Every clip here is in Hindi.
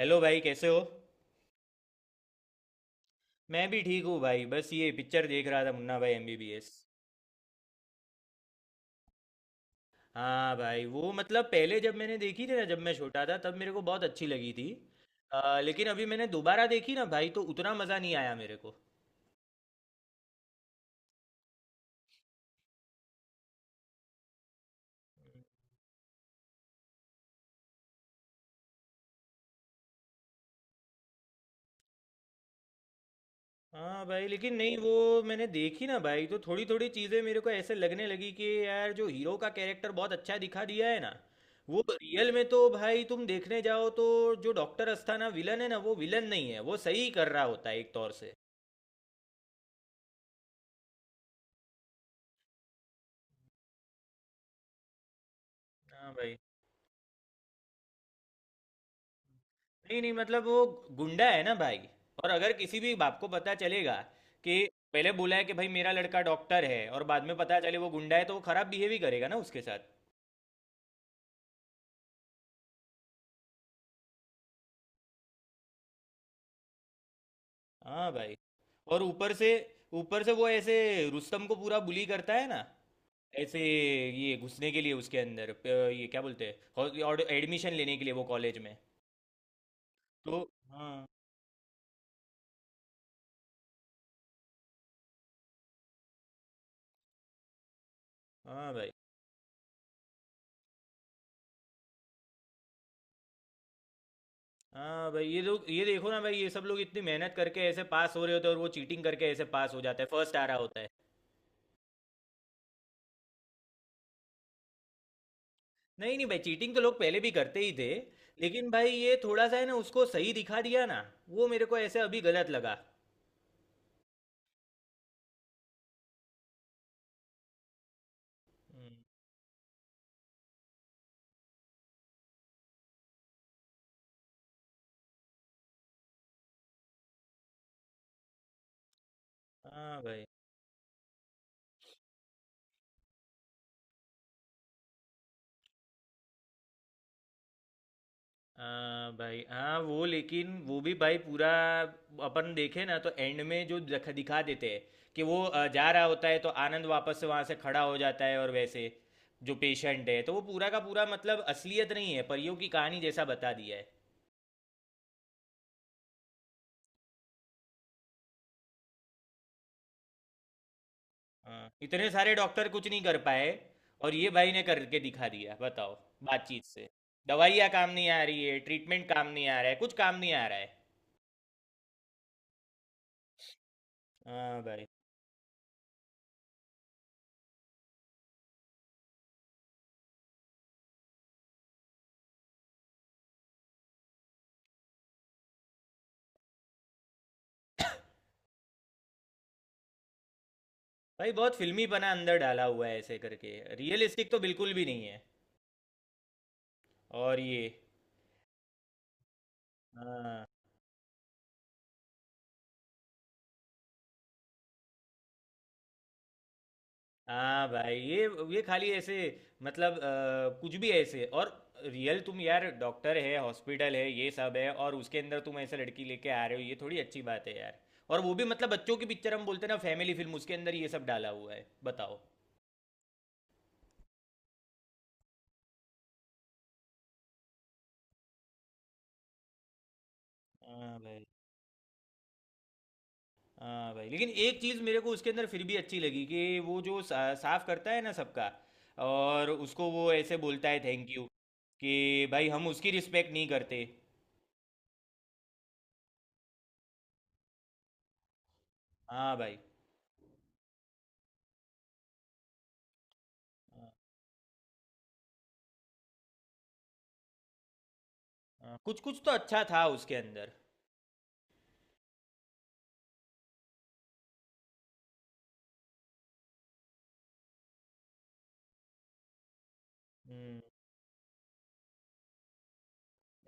हेलो भाई, कैसे हो। मैं भी ठीक हूँ भाई, बस ये पिक्चर देख रहा था, मुन्ना भाई एमबीबीएस। हाँ भाई, वो मतलब पहले जब मैंने देखी थी ना, जब मैं छोटा था, तब मेरे को बहुत अच्छी लगी थी। लेकिन अभी मैंने दोबारा देखी ना भाई, तो उतना मज़ा नहीं आया मेरे को। हाँ भाई, लेकिन नहीं वो मैंने देखी ना भाई, तो थोड़ी थोड़ी चीज़ें मेरे को ऐसे लगने लगी कि यार जो हीरो का कैरेक्टर बहुत अच्छा दिखा दिया है ना। वो रियल में तो भाई तुम देखने जाओ तो। जो डॉक्टर अस्थाना विलन है ना, वो विलन नहीं है, वो सही कर रहा होता है एक तौर से। हाँ भाई। नहीं नहीं मतलब वो गुंडा है ना भाई। और अगर किसी भी बाप को पता चलेगा कि पहले बोला है कि भाई मेरा लड़का डॉक्टर है और बाद में पता चले वो गुंडा है, तो वो खराब बिहेव ही करेगा ना उसके साथ। हाँ भाई। और ऊपर से वो ऐसे रुस्तम को पूरा बुली करता है ना, ऐसे। ये घुसने के लिए उसके अंदर ये क्या बोलते हैं। और एडमिशन लेने के लिए वो कॉलेज में। तो हाँ। हाँ भाई। हाँ भाई, ये लोग ये देखो ना भाई, ये सब लोग इतनी मेहनत करके ऐसे पास हो रहे होते हैं, और वो चीटिंग करके ऐसे पास हो जाता है, फर्स्ट आ रहा होता है। नहीं नहीं भाई, चीटिंग तो लोग पहले भी करते ही थे। लेकिन भाई ये थोड़ा सा है ना, उसको सही दिखा दिया ना, वो मेरे को ऐसे अभी गलत लगा। हम्म। हाँ भाई। हाँ भाई, हाँ वो लेकिन वो भी भाई पूरा, अपन देखे ना तो एंड में जो दिखा दिखा देते हैं कि वो जा रहा होता है तो आनंद वापस से वहां से खड़ा हो जाता है, और वैसे जो पेशेंट है, तो वो पूरा का पूरा मतलब असलियत नहीं है, परियों की कहानी जैसा बता दिया है। हाँ, इतने सारे डॉक्टर कुछ नहीं कर पाए, और ये भाई ने करके दिखा दिया, बताओ। बातचीत से। दवाइयाँ काम नहीं आ रही है, ट्रीटमेंट काम नहीं आ रहा है, कुछ काम नहीं आ रहा है। हाँ भाई। भाई बहुत फिल्मी बना अंदर डाला हुआ है ऐसे करके। रियलिस्टिक तो बिल्कुल भी नहीं है। और ये। हाँ हाँ भाई, ये खाली ऐसे मतलब कुछ भी ऐसे। और रियल तुम, यार डॉक्टर है, हॉस्पिटल है, ये सब है, और उसके अंदर तुम ऐसे लड़की लेके आ रहे हो, ये थोड़ी अच्छी बात है यार। और वो भी मतलब बच्चों की पिक्चर, हम बोलते हैं ना फैमिली फिल्म, उसके अंदर ये सब डाला हुआ है, बताओ। हाँ भाई। हाँ भाई, लेकिन एक चीज़ मेरे को उसके अंदर फिर भी अच्छी लगी, कि वो जो साफ करता है ना सबका, और उसको वो ऐसे बोलता है थैंक यू, कि भाई हम उसकी रिस्पेक्ट नहीं करते। हाँ भाई। हाँ, कुछ कुछ तो अच्छा था उसके अंदर। हम्म।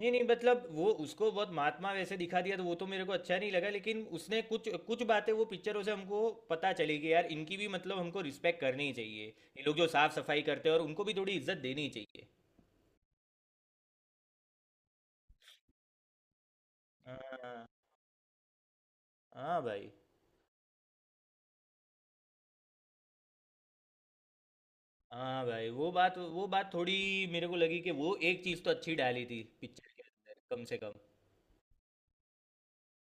नहीं नहीं मतलब वो उसको बहुत महात्मा वैसे दिखा दिया, तो वो तो मेरे को अच्छा नहीं लगा, लेकिन उसने कुछ कुछ बातें वो पिक्चरों से हमको पता चली, कि यार इनकी भी मतलब हमको रिस्पेक्ट करनी चाहिए। ये लोग जो साफ सफाई करते हैं, और उनको भी थोड़ी इज्जत देनी चाहिए। हाँ हाँ भाई। हाँ भाई, वो बात थोड़ी मेरे को लगी, कि वो एक चीज़ तो अच्छी डाली थी पिक्चर के अंदर कम से कम।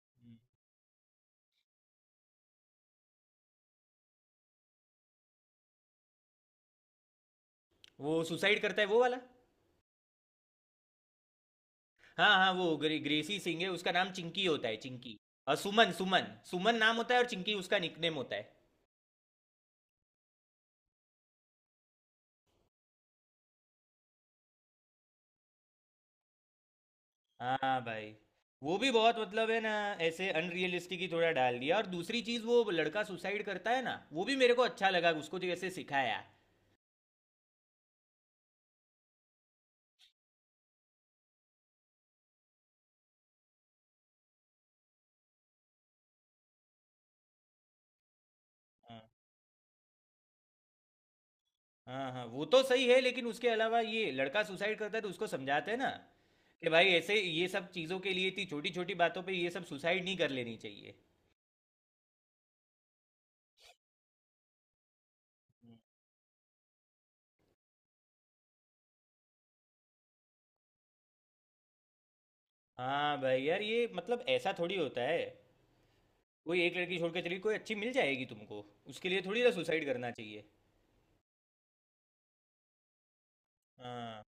हम्म। वो सुसाइड करता है वो वाला। हाँ हाँ, वो ग्रेसी सिंह है, उसका नाम चिंकी होता है, चिंकी। और सुमन सुमन सुमन नाम होता है, और चिंकी उसका निकनेम होता है। हाँ भाई, वो भी बहुत मतलब है ना, ऐसे अनरियलिस्टिक ही थोड़ा डाल दिया। और दूसरी चीज़ वो लड़का सुसाइड करता है ना, वो भी मेरे को अच्छा लगा, उसको जो ऐसे सिखाया। हाँ हाँ हाँ, वो तो सही है, लेकिन उसके अलावा ये लड़का सुसाइड करता है तो उसको समझाते हैं ना, कि भाई ऐसे ये सब चीज़ों के लिए, इतनी छोटी छोटी बातों पे ये सब सुसाइड नहीं कर लेनी चाहिए। हाँ भाई यार, ये मतलब ऐसा थोड़ी होता है, कोई एक लड़की छोड़ के चली, कोई अच्छी मिल जाएगी तुमको, उसके लिए थोड़ी ना सुसाइड करना चाहिए। हाँ।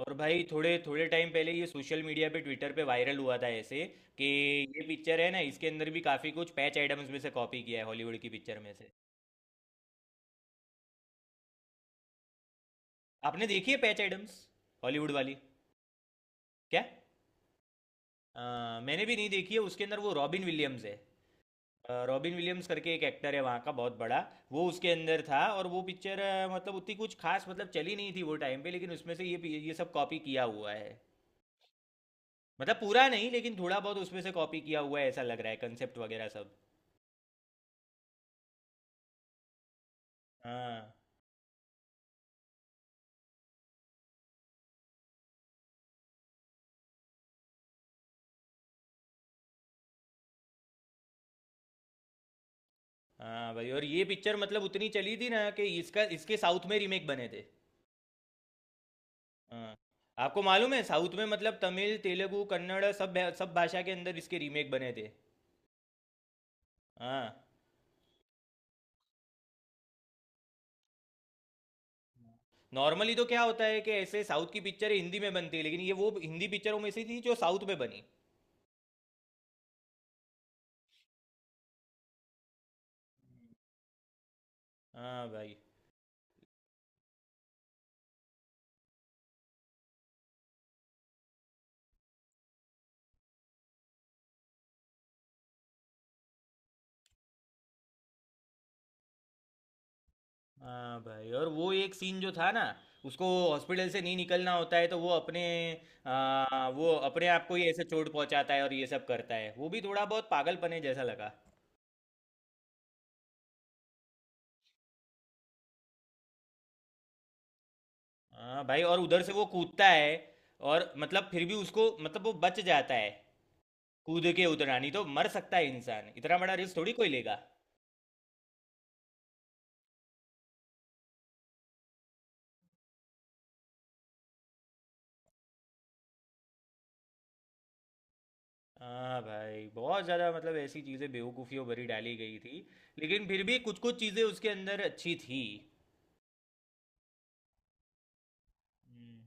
और भाई थोड़े थोड़े टाइम पहले ये सोशल मीडिया पे, ट्विटर पे वायरल हुआ था ऐसे, कि ये पिक्चर है ना, इसके अंदर भी काफ़ी कुछ पैच एडम्स में से कॉपी किया है, हॉलीवुड की पिक्चर में से। आपने देखी है पैच एडम्स, हॉलीवुड वाली? क्या? मैंने भी नहीं देखी है, उसके अंदर वो रॉबिन विलियम्स है। रॉबिन विलियम्स करके एक एक्टर है वहाँ का बहुत बड़ा, वो उसके अंदर था। और वो पिक्चर मतलब उतनी कुछ खास मतलब चली नहीं थी वो टाइम पे, लेकिन उसमें से ये सब कॉपी किया हुआ है। मतलब पूरा नहीं, लेकिन थोड़ा बहुत उसमें से कॉपी किया हुआ है, ऐसा लग रहा है कंसेप्ट वगैरह सब। हाँ हाँ भाई। और ये पिक्चर मतलब उतनी चली थी ना, कि इसका इसके साउथ में रीमेक बने थे। हाँ। आपको मालूम है साउथ में मतलब तमिल, तेलुगु, कन्नड़, सब सब भाषा के अंदर इसके रीमेक बने थे। हाँ। नॉर्मली तो क्या होता है कि ऐसे साउथ की पिक्चर हिंदी में बनती है, लेकिन ये वो हिंदी पिक्चरों में से थी जो साउथ में बनी। हाँ भाई। हाँ भाई, और वो एक सीन जो था ना, उसको हॉस्पिटल से नहीं निकलना होता है तो वो अपने आप को ही ऐसे चोट पहुंचाता है, और ये सब करता है, वो भी थोड़ा बहुत पागलपने जैसा लगा। हाँ भाई, और उधर से वो कूदता है, और मतलब फिर भी उसको मतलब वो बच जाता है। कूद के उतना नहीं तो मर सकता है इंसान, इतना बड़ा रिस्क थोड़ी कोई लेगा। हाँ भाई, बहुत ज़्यादा मतलब ऐसी चीज़ें बेवकूफ़ियों भरी डाली गई थी, लेकिन फिर भी कुछ कुछ चीज़ें उसके अंदर अच्छी थी। हम्म।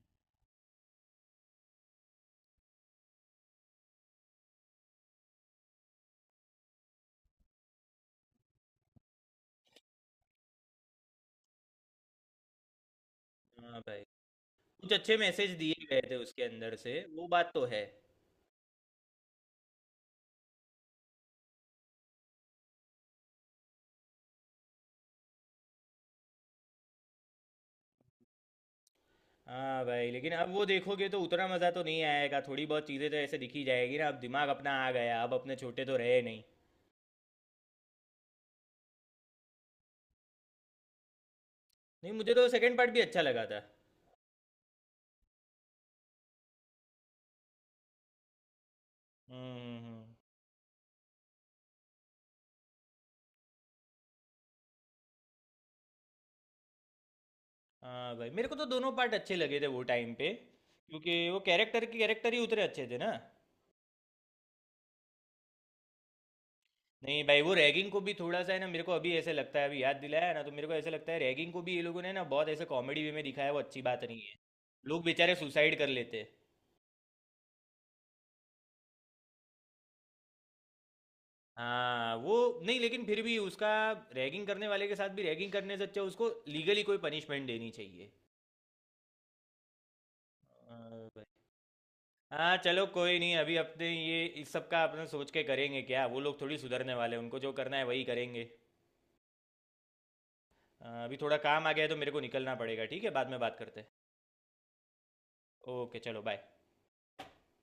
हाँ भाई, कुछ अच्छे मैसेज दिए गए थे उसके अंदर से, वो बात तो है। हाँ भाई, लेकिन अब वो देखोगे तो उतना मज़ा तो नहीं आएगा, थोड़ी बहुत चीज़ें तो ऐसे दिखी जाएगी ना, अब दिमाग अपना आ गया, अब अपने छोटे तो रहे नहीं। नहीं, मुझे तो सेकंड पार्ट भी अच्छा लगा था। हम्म हम्म, हम्म। हाँ भाई, मेरे को तो दोनों पार्ट अच्छे लगे थे वो टाइम पे, क्योंकि वो कैरेक्टर के कैरेक्टर ही उतने अच्छे थे ना। नहीं भाई, वो रैगिंग को भी थोड़ा सा है ना, मेरे को अभी ऐसे लगता है, अभी याद दिलाया ना, तो मेरे को ऐसे लगता है, रैगिंग को भी ये लोगों ने ना बहुत ऐसे कॉमेडी वे में दिखाया, वो अच्छी बात नहीं है। लोग बेचारे सुसाइड कर लेते। हाँ वो। नहीं लेकिन फिर भी उसका, रैगिंग करने वाले के साथ भी रैगिंग करने से अच्छा उसको लीगली कोई पनिशमेंट देनी चाहिए। हाँ भाई। हाँ, चलो कोई नहीं, अभी अपने ये इस सब का अपने सोच के करेंगे क्या, वो लोग थोड़ी सुधरने वाले हैं, उनको जो करना है वही करेंगे। हाँ, अभी थोड़ा काम आ गया है तो मेरे को निकलना पड़ेगा, ठीक है, बाद में बात करते हैं। ओके, चलो बाय।